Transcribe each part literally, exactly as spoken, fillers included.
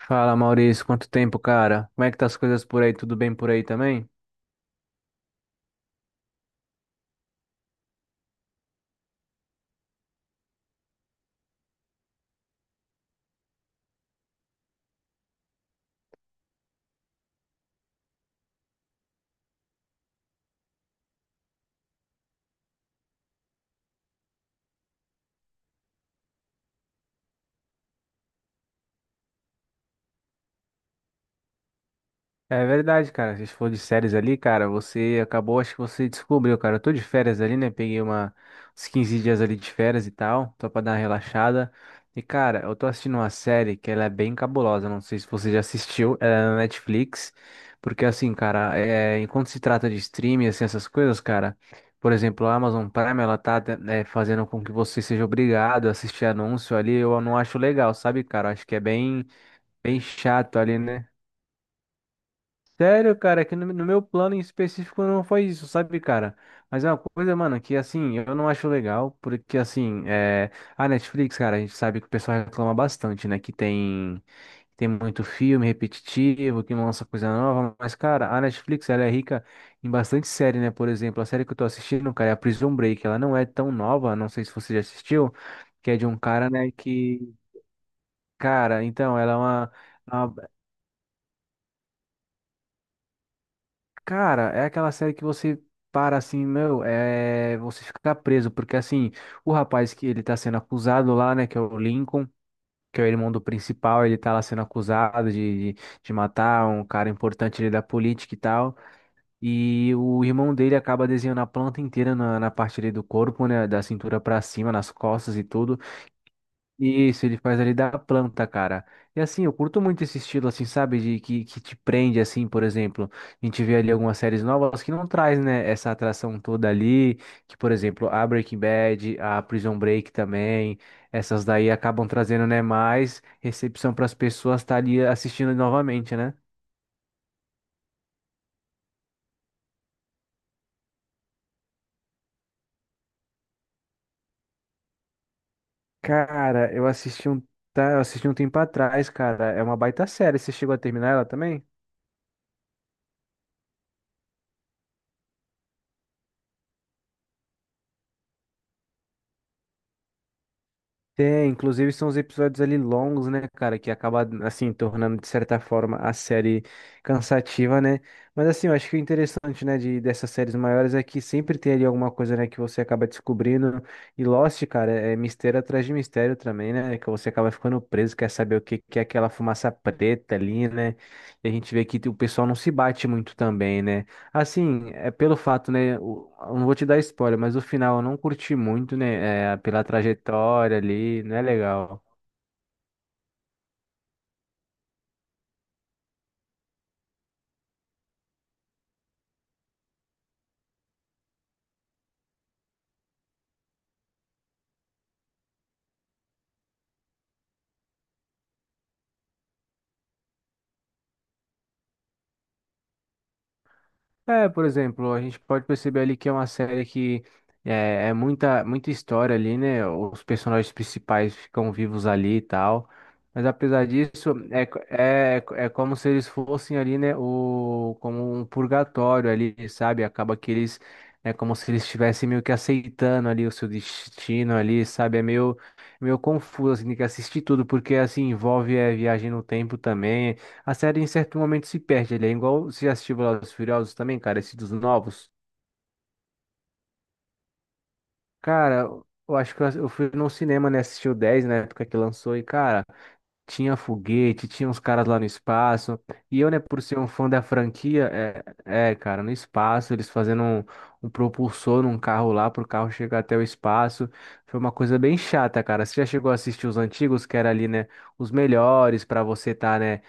Fala, Maurício, quanto tempo, cara? Como é que tá as coisas por aí? Tudo bem por aí também? É verdade, cara. A gente falou de séries ali, cara. Você acabou, acho que você descobriu, cara. Eu tô de férias ali, né? Peguei uma, uns quinze dias ali de férias e tal, só pra dar uma relaxada. E, cara, eu tô assistindo uma série que ela é bem cabulosa. Não sei se você já assistiu, ela é na Netflix. Porque, assim, cara, é, enquanto se trata de streaming, assim, essas coisas, cara. Por exemplo, a Amazon Prime, ela tá, né, fazendo com que você seja obrigado a assistir anúncio ali. Eu não acho legal, sabe, cara? Eu Acho que é bem, bem chato ali, né? Sério, cara, é que no, no meu plano em específico não foi isso, sabe, cara? Mas é uma coisa, mano, que assim, eu não acho legal, porque assim, é... a Netflix, cara, a gente sabe que o pessoal reclama bastante, né? Que tem, tem muito filme repetitivo, que não lança coisa nova, mas, cara, a Netflix, ela é rica em bastante série, né? Por exemplo, a série que eu tô assistindo, cara, é a Prison Break, ela não é tão nova, não sei se você já assistiu, que é de um cara, né, que, cara, então, ela é uma. Cara, é aquela série que você para assim, meu, é, você fica preso, porque assim, o rapaz que ele tá sendo acusado lá, né, que é o Lincoln, que é o irmão do principal, ele tá lá sendo acusado de, de, de matar um cara importante ali da política e tal, e o irmão dele acaba desenhando a planta inteira na, na parte ali do corpo, né, da cintura pra cima, nas costas e tudo, isso, ele faz ali da planta, cara. E assim, eu curto muito esse estilo, assim, sabe? De que, que te prende, assim, por exemplo. A gente vê ali algumas séries novas que não traz, né, essa atração toda ali. Que, por exemplo, a Breaking Bad, a Prison Break também. Essas daí acabam trazendo, né, mais recepção para as pessoas estar ali assistindo novamente, né? Cara, eu assisti um, tá, eu assisti um tempo atrás, cara. É uma baita série. Você chegou a terminar ela também? Tem, inclusive são os episódios ali longos, né, cara, que acaba, assim, tornando, de certa forma, a série cansativa, né? Mas, assim, eu acho que o interessante, né, de, dessas séries maiores é que sempre tem ali alguma coisa, né, que você acaba descobrindo. E Lost, cara, é mistério atrás de mistério também, né? Que você acaba ficando preso, quer saber o que, que é aquela fumaça preta ali, né? E a gente vê que o pessoal não se bate muito também, né? Assim, é pelo fato, né? o- Eu não vou te dar spoiler, mas o final eu não curti muito, né? É, pela trajetória ali, não é legal. É, por exemplo, a gente pode perceber ali que é uma série que é, é muita, muita história ali, né? Os personagens principais ficam vivos ali e tal. Mas apesar disso, é, co- é, é como se eles fossem ali, né? O, como um purgatório ali, sabe? Acaba que eles. É como se eles estivessem meio que aceitando ali o seu destino ali, sabe? É meio, meio confuso, assim, tem que assistir tudo, porque assim envolve é, viagem no tempo também. A série em certo momento se perde, ele é igual. Você já assistiu Velozes e Furiosos também, cara? Esse dos novos? Cara, eu acho que eu, eu fui num cinema, né? Assisti o dez na época que lançou e, cara, tinha foguete, tinha uns caras lá no espaço. E eu, né, por ser um fã da franquia, é, é, cara, no espaço, eles fazendo um, um propulsor num carro lá pro carro chegar até o espaço. Foi uma coisa bem chata, cara. Você já chegou a assistir os antigos, que era ali, né? Os melhores pra você tá, né?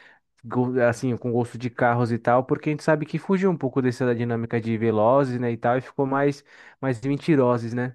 go- assim, com gosto de carros e tal, porque a gente sabe que fugiu um pouco dessa dinâmica de Velozes, né, e tal, e ficou mais, mais Mentirozes, né?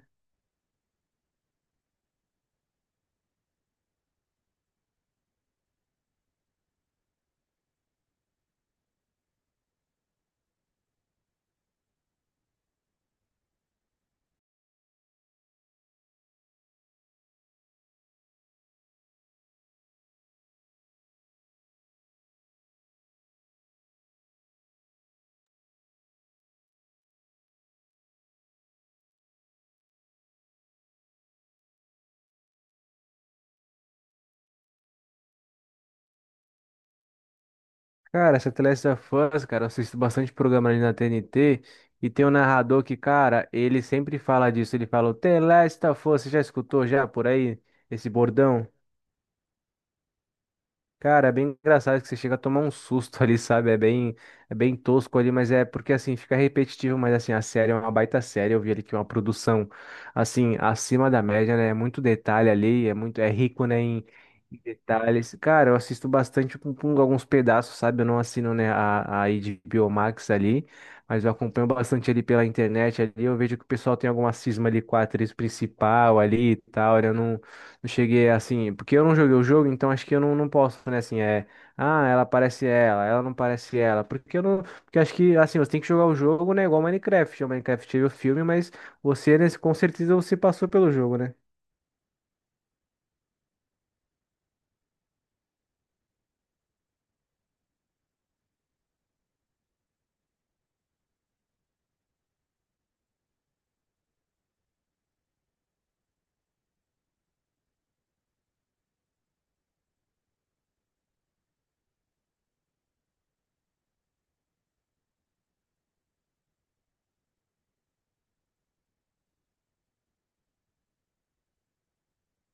Cara, essa The Last of Us, cara, eu assisto bastante programa ali na T N T, e tem um narrador que, cara, ele sempre fala disso, ele fala, The Last of Us, você já escutou já por aí esse bordão? Cara, é bem engraçado que você chega a tomar um susto ali, sabe? É bem, é bem tosco ali, mas é porque assim, fica repetitivo, mas assim, a série é uma baita série. Eu vi ali que é uma produção assim, acima da média, né? É muito detalhe ali, é muito, é rico, né, em, em detalhes. Cara, eu assisto bastante com, com alguns pedaços, sabe? Eu não assino, né, a, a H B O Max ali, mas eu acompanho bastante ali pela internet ali. Eu vejo que o pessoal tem alguma cisma ali com a atriz principal ali e tal. Né? Eu não Eu cheguei assim, porque eu não joguei o jogo, então acho que eu não, não posso, né? Assim, é. Ah, ela parece ela, ela não parece ela. Porque eu não. Porque acho que, assim, você tem que jogar o jogo, né? Igual Minecraft. O Minecraft teve o filme, mas você, né, com certeza, você passou pelo jogo, né?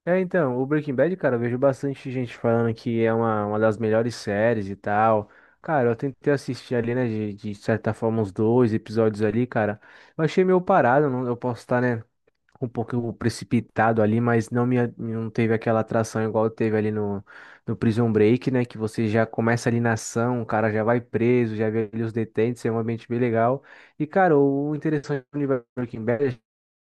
É, então, o Breaking Bad, cara, eu vejo bastante gente falando que é uma, uma das melhores séries e tal. Cara, eu tentei assistir ali, né, de, de certa forma, uns dois episódios ali, cara. Eu achei meio parado, não, eu posso estar, né? um pouco precipitado ali, mas não me não teve aquela atração igual teve ali no, no Prison Break, né? Que você já começa ali na ação, o cara já vai preso, já vê ali os detentes, é um ambiente bem legal. E, cara, o interessante do universo de Breaking Bad é que eles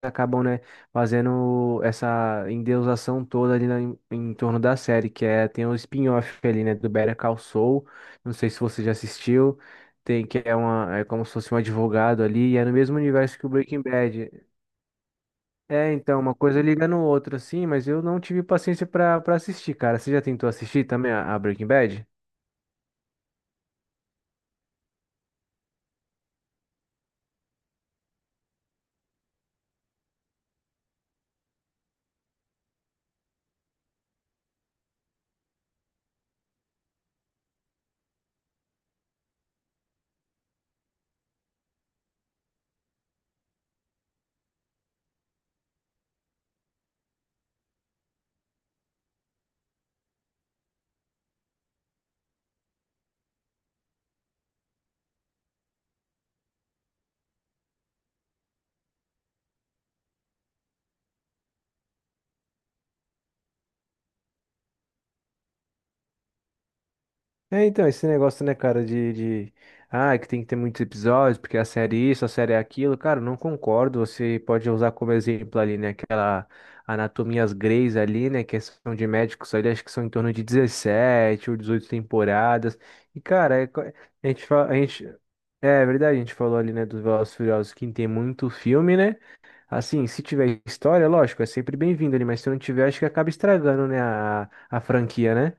acabam, né, fazendo essa endeusação toda ali na- em, em torno da série, que é tem o spin-off ali, né, do Better Call Saul. Não sei se você já assistiu. Tem que é uma é como se fosse um advogado ali, e é no mesmo universo que o Breaking Bad. É, então, uma coisa liga no outro, assim, mas eu não tive paciência pra, pra assistir, cara. Você já tentou assistir também a, a Breaking Bad? É, então, esse negócio, né, cara, de, de... Ah, que tem que ter muitos episódios, porque a série é isso, a série é aquilo. Cara, eu não concordo. Você pode usar como exemplo ali, né, aquela Anatomias Greys ali, né, que é, são de médicos ali, acho que são em torno de dezessete ou dezoito temporadas. E, cara, é co- a gente fala... A gente... É verdade, a gente falou ali, né, dos Velozes e Furiosos, que tem muito filme, né? Assim, se tiver história, lógico, é sempre bem-vindo ali, mas se não tiver, acho que acaba estragando, né, a, a franquia, né?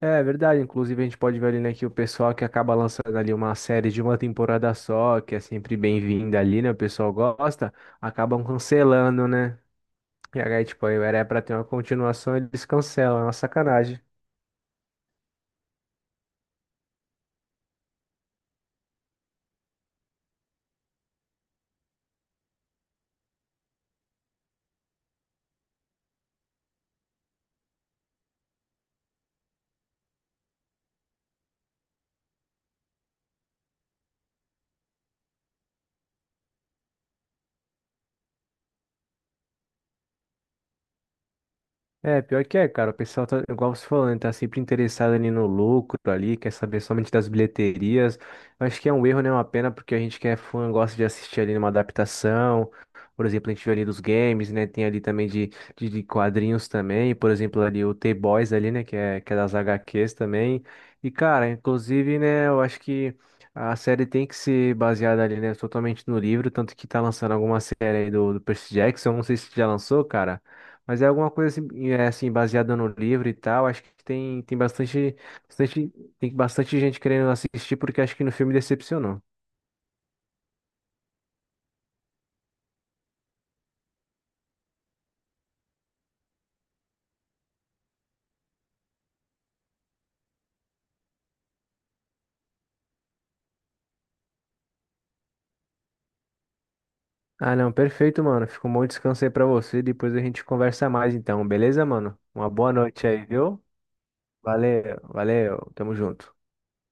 É é verdade, inclusive a gente pode ver ali, né, que o pessoal que acaba lançando ali uma série de uma temporada só, que é sempre bem-vinda ali, né, o pessoal gosta, acabam cancelando, né? E aí, tipo, aí era pra ter uma continuação, eles cancelam, é uma sacanagem. É, pior que é, cara. O pessoal tá, igual você falou, né, tá sempre interessado ali no lucro ali, quer saber somente das bilheterias. Eu acho que é um erro, né? Uma pena, porque a gente que é fã gosta de assistir ali numa adaptação. Por exemplo, a gente vê ali dos games, né? Tem ali também de, de, de quadrinhos também. Por exemplo, ali o T-Boys ali, né? Que é, que é das H Qs também. E, cara, inclusive, né? Eu acho que a série tem que ser baseada ali, né? Totalmente no livro. Tanto que tá lançando alguma série aí do, do Percy Jackson. Não sei se já lançou, cara. Mas é alguma coisa assim, é, assim, baseada no livro e tal. Acho que tem, tem bastante, bastante, tem bastante gente querendo assistir porque acho que no filme decepcionou. Ah, não, perfeito, mano. Fica um bom descanso aí pra você. Depois a gente conversa mais então, beleza, mano? Uma boa noite aí, viu? Valeu, valeu. Tamo junto.